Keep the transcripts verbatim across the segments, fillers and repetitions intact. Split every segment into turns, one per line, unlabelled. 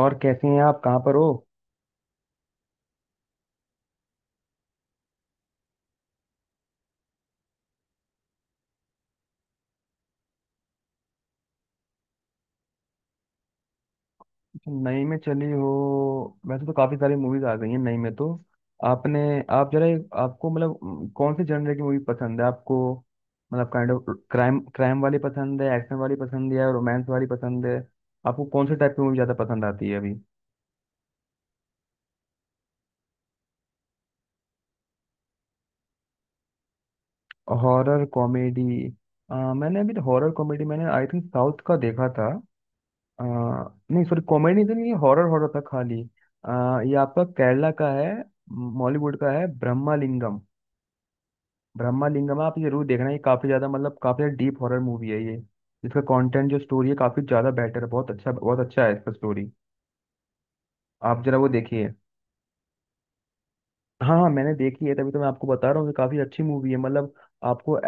और कैसी हैं आप कहाँ पर हो। अच्छा, नई में चली हो। वैसे तो काफी सारी मूवीज आ गई हैं नई में तो। आपने आप जरा एक- आपको मतलब अम, कौन से जनर की मूवी पसंद है आपको। मतलब काइंड ऑफ क्राइम क्राइम वाली पसंद है, एक्शन वाली पसंद है, रोमांस वाली पसंद है। आपको कौन से टाइप की मूवी ज्यादा पसंद आती है अभी। Horror comedy. मैंने अभी हॉरर कॉमेडी मैंने आई थिंक साउथ का देखा था। आ, नहीं सॉरी, कॉमेडी तो नहीं थी, ये हॉरर हॉरर था खाली। आ, ये आपका केरला का है, बॉलीवुड का है ब्रह्मालिंगम। ब्रह्मालिंगम आप ये जरूर देखना, ये काफी ज्यादा मतलब काफी ज्यादा डीप हॉरर मूवी है ये। इसका कंटेंट जो स्टोरी है काफी ज्यादा बेटर है, बहुत अच्छा बहुत अच्छा है इसका स्टोरी। आप जरा वो देखिए। हाँ हाँ मैंने देखी है तभी तो मैं आपको बता रहा हूँ कि काफी अच्छी मूवी है मतलब। आपको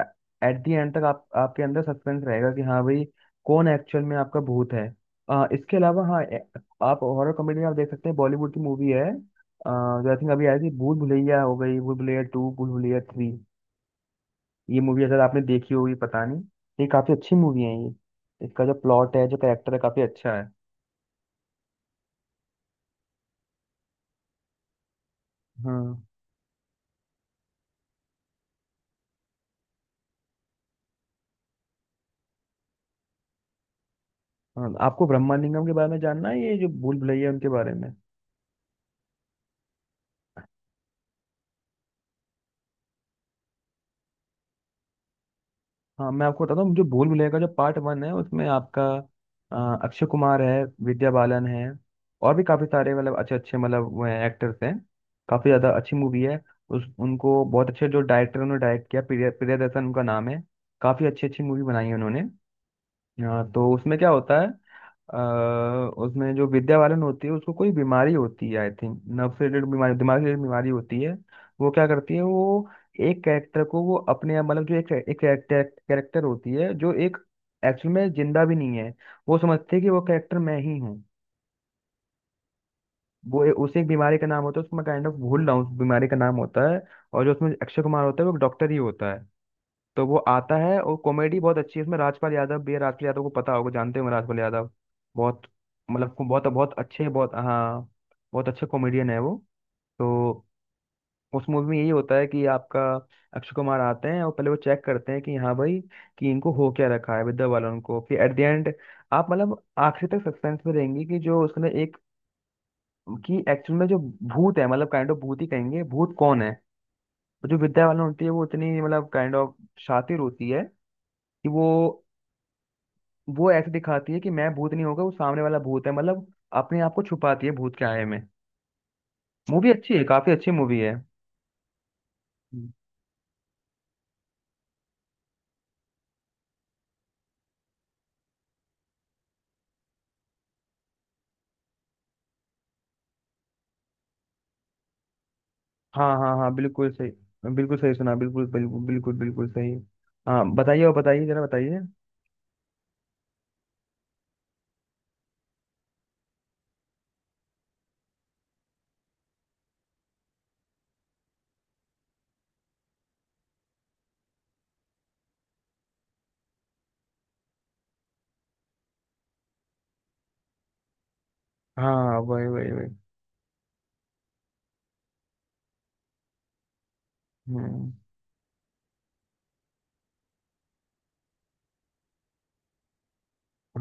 एट द एंड तक आप आपके अंदर सस्पेंस रहेगा कि हाँ भाई कौन एक्चुअल में आपका भूत है। अ, इसके अलावा हाँ ए- आप हॉरर कॉमेडी में आप देख सकते हैं, बॉलीवुड की मूवी है, अ, जो आई थिंक अभी आई थी, भूल भुलैया हो गई, भूल भुलैया टू, भूल भुलैया थ्री। ये मूवी अगर आपने देखी होगी पता नहीं। ये काफी अच्छी मूवी है ये। इसका जो प्लॉट है जो कैरेक्टर है काफी अच्छा है। हाँ हाँ, आपको ब्रह्मालिंगम के बारे में जानना है, ये जो भूल भुलैया है, उनके बारे में। हाँ मैं आपको बताता हूँ, मुझे भूल भुलैया का जो पार्ट वन है उसमें आपका अ, अक्षय कुमार है, विद्या बालन है, और भी काफी सारे मतलब अच्छे अच्छे मतलब वो हैं एक्टर्स हैं। काफी ज्यादा अच्छी मूवी है। उस उनको बहुत अच्छे जो डायरेक्टर उन्होंने डायरेक्ट किया, प्रिय प्रियदर्शन उनका नाम है। काफी अच्छी अच्छी मूवी बनाई है उन्होंने। हाँ तो उसमें क्या होता है अ, उसमें जो विद्यावालन होती है उसको कोई बीमारी होती है आई थिंक, नर्व से रिलेटेड बीमारी, दिमाग से रिलेटेड बीमारी होती है। वो क्या करती है वो एक कैरेक्टर को वो अपने मतलब जो एक एक कैरेक्टर होती है जो एक एक्चुअल में जिंदा भी नहीं है। वो समझती है कि वो कैरेक्टर मैं ही हूँ। वो ए, उसे एक बीमारी का नाम होता है उसमें काइंड ऑफ भूल रहा हूँ उस बीमारी का नाम होता है। और जो उसमें अक्षय कुमार होता है वो डॉक्टर ही होता है। तो वो आता है, और कॉमेडी बहुत अच्छी है इसमें, राजपाल यादव भी है। राजपाल यादव को पता होगा, जानते होंगे राजपाल यादव। बहुत मतलब को- बहुत बहुत अच्छे बहुत हाँ, बहुत अच्छे कॉमेडियन है वो। तो उस मूवी में यही होता है कि आपका अक्षय कुमार आते हैं और पहले वो चेक करते हैं कि हाँ भाई कि इनको हो क्या रखा है विद्या बालन को। फिर एट द एंड आप मतलब आखिरी तक सस्पेंस में रहेंगे कि जो उसने एक, कि एक्चुअल में जो भूत है मतलब काइंड ऑफ भूत ही कहेंगे भूत कौन है। तो जो विद्या बालन होती है वो इतनी मतलब काइंड ऑफ शातिर होती है कि वो वो ऐसे दिखाती है कि मैं भूत नहीं होगा, वो सामने वाला भूत है, मतलब अपने आप को छुपाती है भूत के आए में। मूवी अच्छी है, काफी अच्छी मूवी है। हम्म। हाँ हाँ हाँ, बिल्कुल सही। बिल्कुल सही सुना, बिल्कुल बिल्कुल बिल्कुल बिल्कुल सही। हाँ बताइए, और बताइए, जरा बताइए। हाँ वही वही वही। हम्म।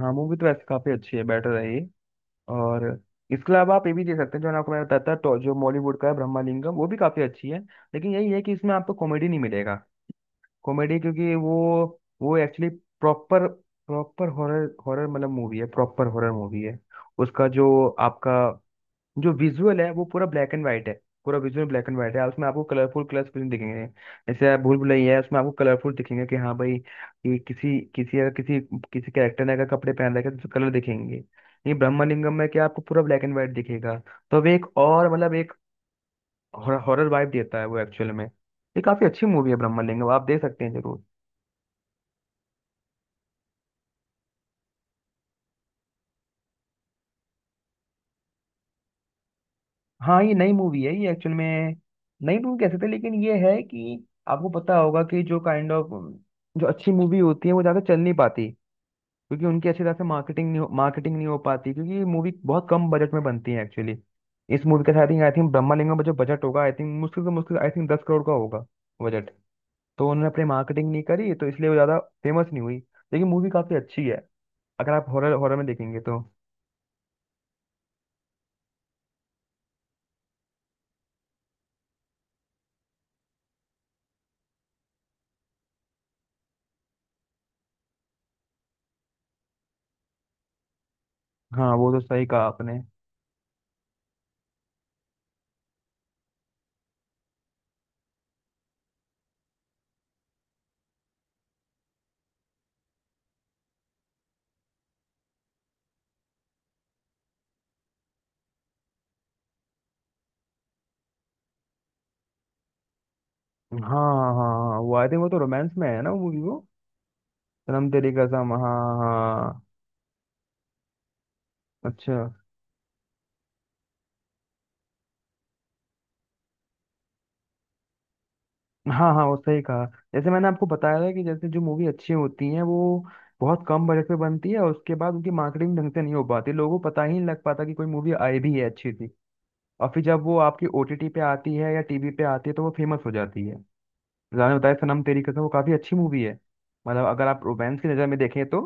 हाँ मूवी तो वैसे काफी अच्छी है बेटर है ये। और इसके अलावा आप ये भी दे सकते हैं जो आपको मैं बताता था, तो जो बॉलीवुड का है ब्रह्मालिंगम वो भी काफी अच्छी है, लेकिन यही है कि इसमें आपको कॉमेडी नहीं मिलेगा। कॉमेडी क्योंकि वो वो actually proper proper horror horror मतलब मूवी है, प्रॉपर हॉरर मूवी है। उसका जो आपका जो विजुअल है वो पूरा ब्लैक एंड वाइट है, पूरा विजुअल ब्लैक एंड वाइट है। उसमें आपको कलरफुल कलर्स कुछ नहीं दिखेंगे। जैसे आप भूल भुलैया है उसमें आपको कलरफुल दिखेंगे कि हाँ भाई, ये किसी किसी अगर किसी किसी कैरेक्टर ने अगर कपड़े पहन रखे हैं, तो कलर दिखेंगे। ये ब्रह्मलिंगम में क्या आपको पूरा ब्लैक एंड वाइट दिखेगा। तो अब एक और मतलब एक हॉरर वाइब देता है वो एक्चुअल में, ये काफी अच्छी मूवी है ब्रह्मलिंगम, आप देख सकते हैं जरूर। हाँ ये नई मूवी है ये एक्चुअल में, नई मूवी कह सकते हैं, लेकिन ये है कि आपको पता होगा कि जो काइंड ऑफ जो अच्छी मूवी होती है वो ज़्यादा चल नहीं पाती, क्योंकि उनकी अच्छी तरह से मार्केटिंग नहीं मार्केटिंग नहीं हो पाती, क्योंकि ये मूवी बहुत कम बजट में बनती है एक्चुअली। इस मूवी का I think I think Brahmalingam का जो बजट होगा आई थिंक मुश्किल से मुश्किल आई थिंक दस करोड़ का होगा बजट। तो उन्होंने अपनी मार्केटिंग नहीं करी तो इसलिए वो ज़्यादा फेमस नहीं हुई। लेकिन मूवी काफ़ी अच्छी है अगर आप हॉरर हॉरर में देखेंगे तो। हाँ वो तो सही कहा आपने। हाँ हाँ हाँ हाँ, वो आई थिंक वो तो रोमांस में है ना वो मूवी, वो सनम तेरी कसम, हाँ हाँ, अच्छा। हाँ हाँ वो सही कहा, जैसे मैंने आपको बताया था कि जैसे जो मूवी अच्छी होती हैं वो बहुत कम बजट पे बनती है और उसके बाद उनकी मार्केटिंग ढंग से नहीं हो पाती, लोगों को पता ही नहीं लग पाता कि कोई मूवी आई भी है अच्छी थी। और फिर जब वो आपकी ओटीटी पे आती है या टीवी पे आती है तो वो फेमस हो जाती है। मैंने बताया सनम तेरी कसम वो काफी अच्छी मूवी है, मतलब अगर आप रोमांस की नज़र में देखें तो।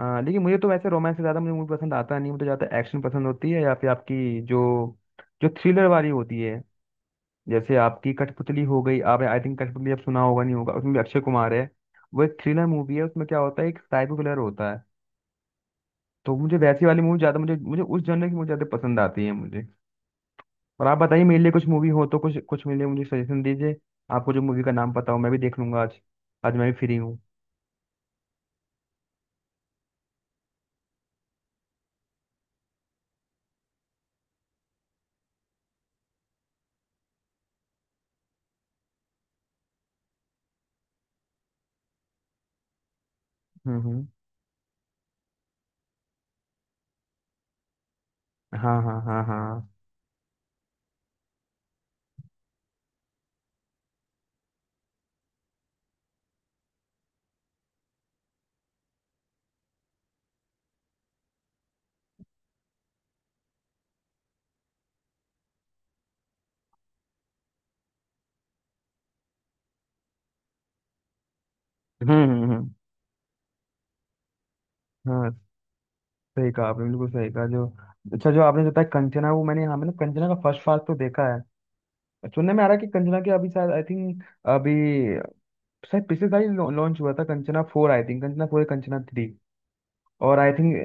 आ, लेकिन मुझे तो वैसे रोमांस से ज़्यादा मुझे मूवी पसंद आता नहीं, मुझे ज़्यादा एक्शन पसंद होती है या फिर आपकी जो जो थ्रिलर वाली होती है, जैसे आपकी कठपुतली हो गई। आप आई थिंक कठपुतली आप सुना होगा नहीं होगा, उसमें भी अक्षय कुमार है। वो एक थ्रिलर मूवी है, उसमें क्या होता है एक साइको किलर होता है। तो मुझे वैसी वाली मूवी ज़्यादा मुझे मुझे उस जनर की मुझे ज़्यादा पसंद आती है मुझे। और आप बताइए मेरे लिए कुछ मूवी हो तो कुछ कुछ मेरे लिए मुझे सजेशन दीजिए। आपको जो मूवी का नाम पता हो मैं भी देख लूंगा आज, आज मैं भी फ्री हूँ। हम्म हम्म। हाँ हाँ हाँ हाँ। हम्म हम्म, हम्म। हाँ सही कहा आपने, बिल्कुल सही कहा जो। अच्छा जो आपने बताया कंचना, वो मैंने, हाँ मैंने कंचना का फर्स्ट पार्ट तो देखा है। सुनने में आ रहा है कि कंचना के अभी शायद आई थिंक अभी शायद पिछले साल लॉन्च हुआ था Kanchana four, I think Kanchana four, Kanchana three. और आई थिंक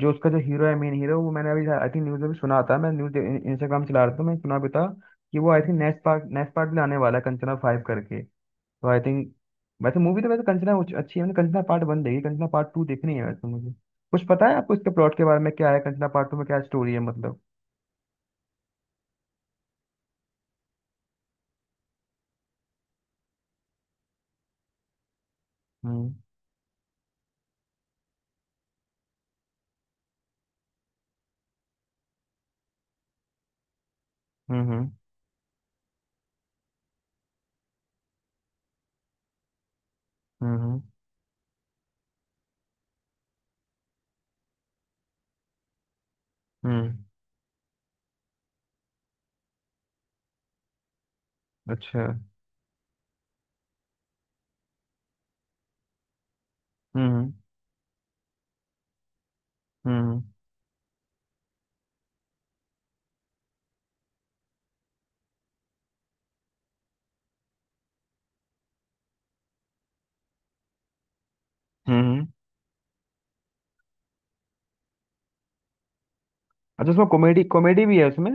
जो उसका जो हीरो है मेन हीरो वो मैंने अभी आई थिंक न्यूज़ में भी सुना था, मैं न्यूज इंस्टाग्राम चला रहा था मैं सुना भी था कि वो I think next part next part में आने वाला है कंचना फाइव करके। तो आई थिंक वैसे मूवी तो वैसे कंचना उच- अच्छी है। मैंने कंचना पार्ट वन देखी, कंचना पार्ट टू देखनी है वैसे मुझे। कुछ पता है आपको इसके प्लॉट के बारे में क्या है कंचना पार्ट टू में क्या स्टोरी है मतलब। हम्म हम्म हम्म हम्म हम्म, अच्छा। हम्म हम्म हम्म हम्म, हम्म, अच्छा उसमें कॉमेडी कॉमेडी भी है उसमें।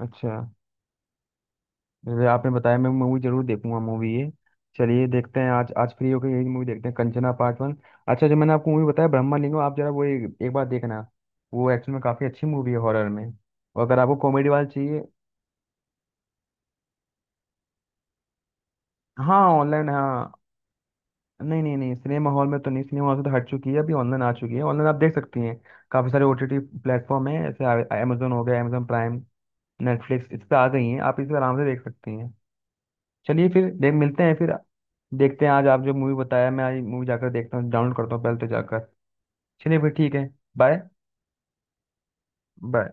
अच्छा जैसे आपने बताया मैं मूवी जरूर देखूंगा, मूवी ये। चलिए देखते हैं आज, आज फ्री होकर यही मूवी देखते हैं, कंचना पार्ट वन। अच्छा जो मैंने आपको मूवी बताया ब्रह्मालिंगम, आप जरा वो एक, एक बार देखना। वो एक्चुअल में काफ़ी अच्छी मूवी है हॉरर में। और अगर आपको कॉमेडी वाला चाहिए। हाँ ऑनलाइन हाँ। नहीं नहीं नहीं, सिनेमा हॉल में तो नहीं, सिनेमा हॉल से तो हट चुकी है, अभी ऑनलाइन आ चुकी है, ऑनलाइन आप देख सकती हैं। काफ़ी सारे ओटीटी प्लेटफॉर्म हैं जैसे अमेजोन हो गया, अमेजोन प्राइम, नेटफ्लिक्स, इस पे आ गई हैं, आप इस पे आराम से देख सकती हैं। चलिए फिर देख मिलते हैं फिर। देखते हैं आज, आप जो मूवी बताया मैं आज मूवी जाकर देखता हूँ, डाउनलोड करता हूँ पहले तो जाकर। चलिए फिर ठीक है। बाय। बाय।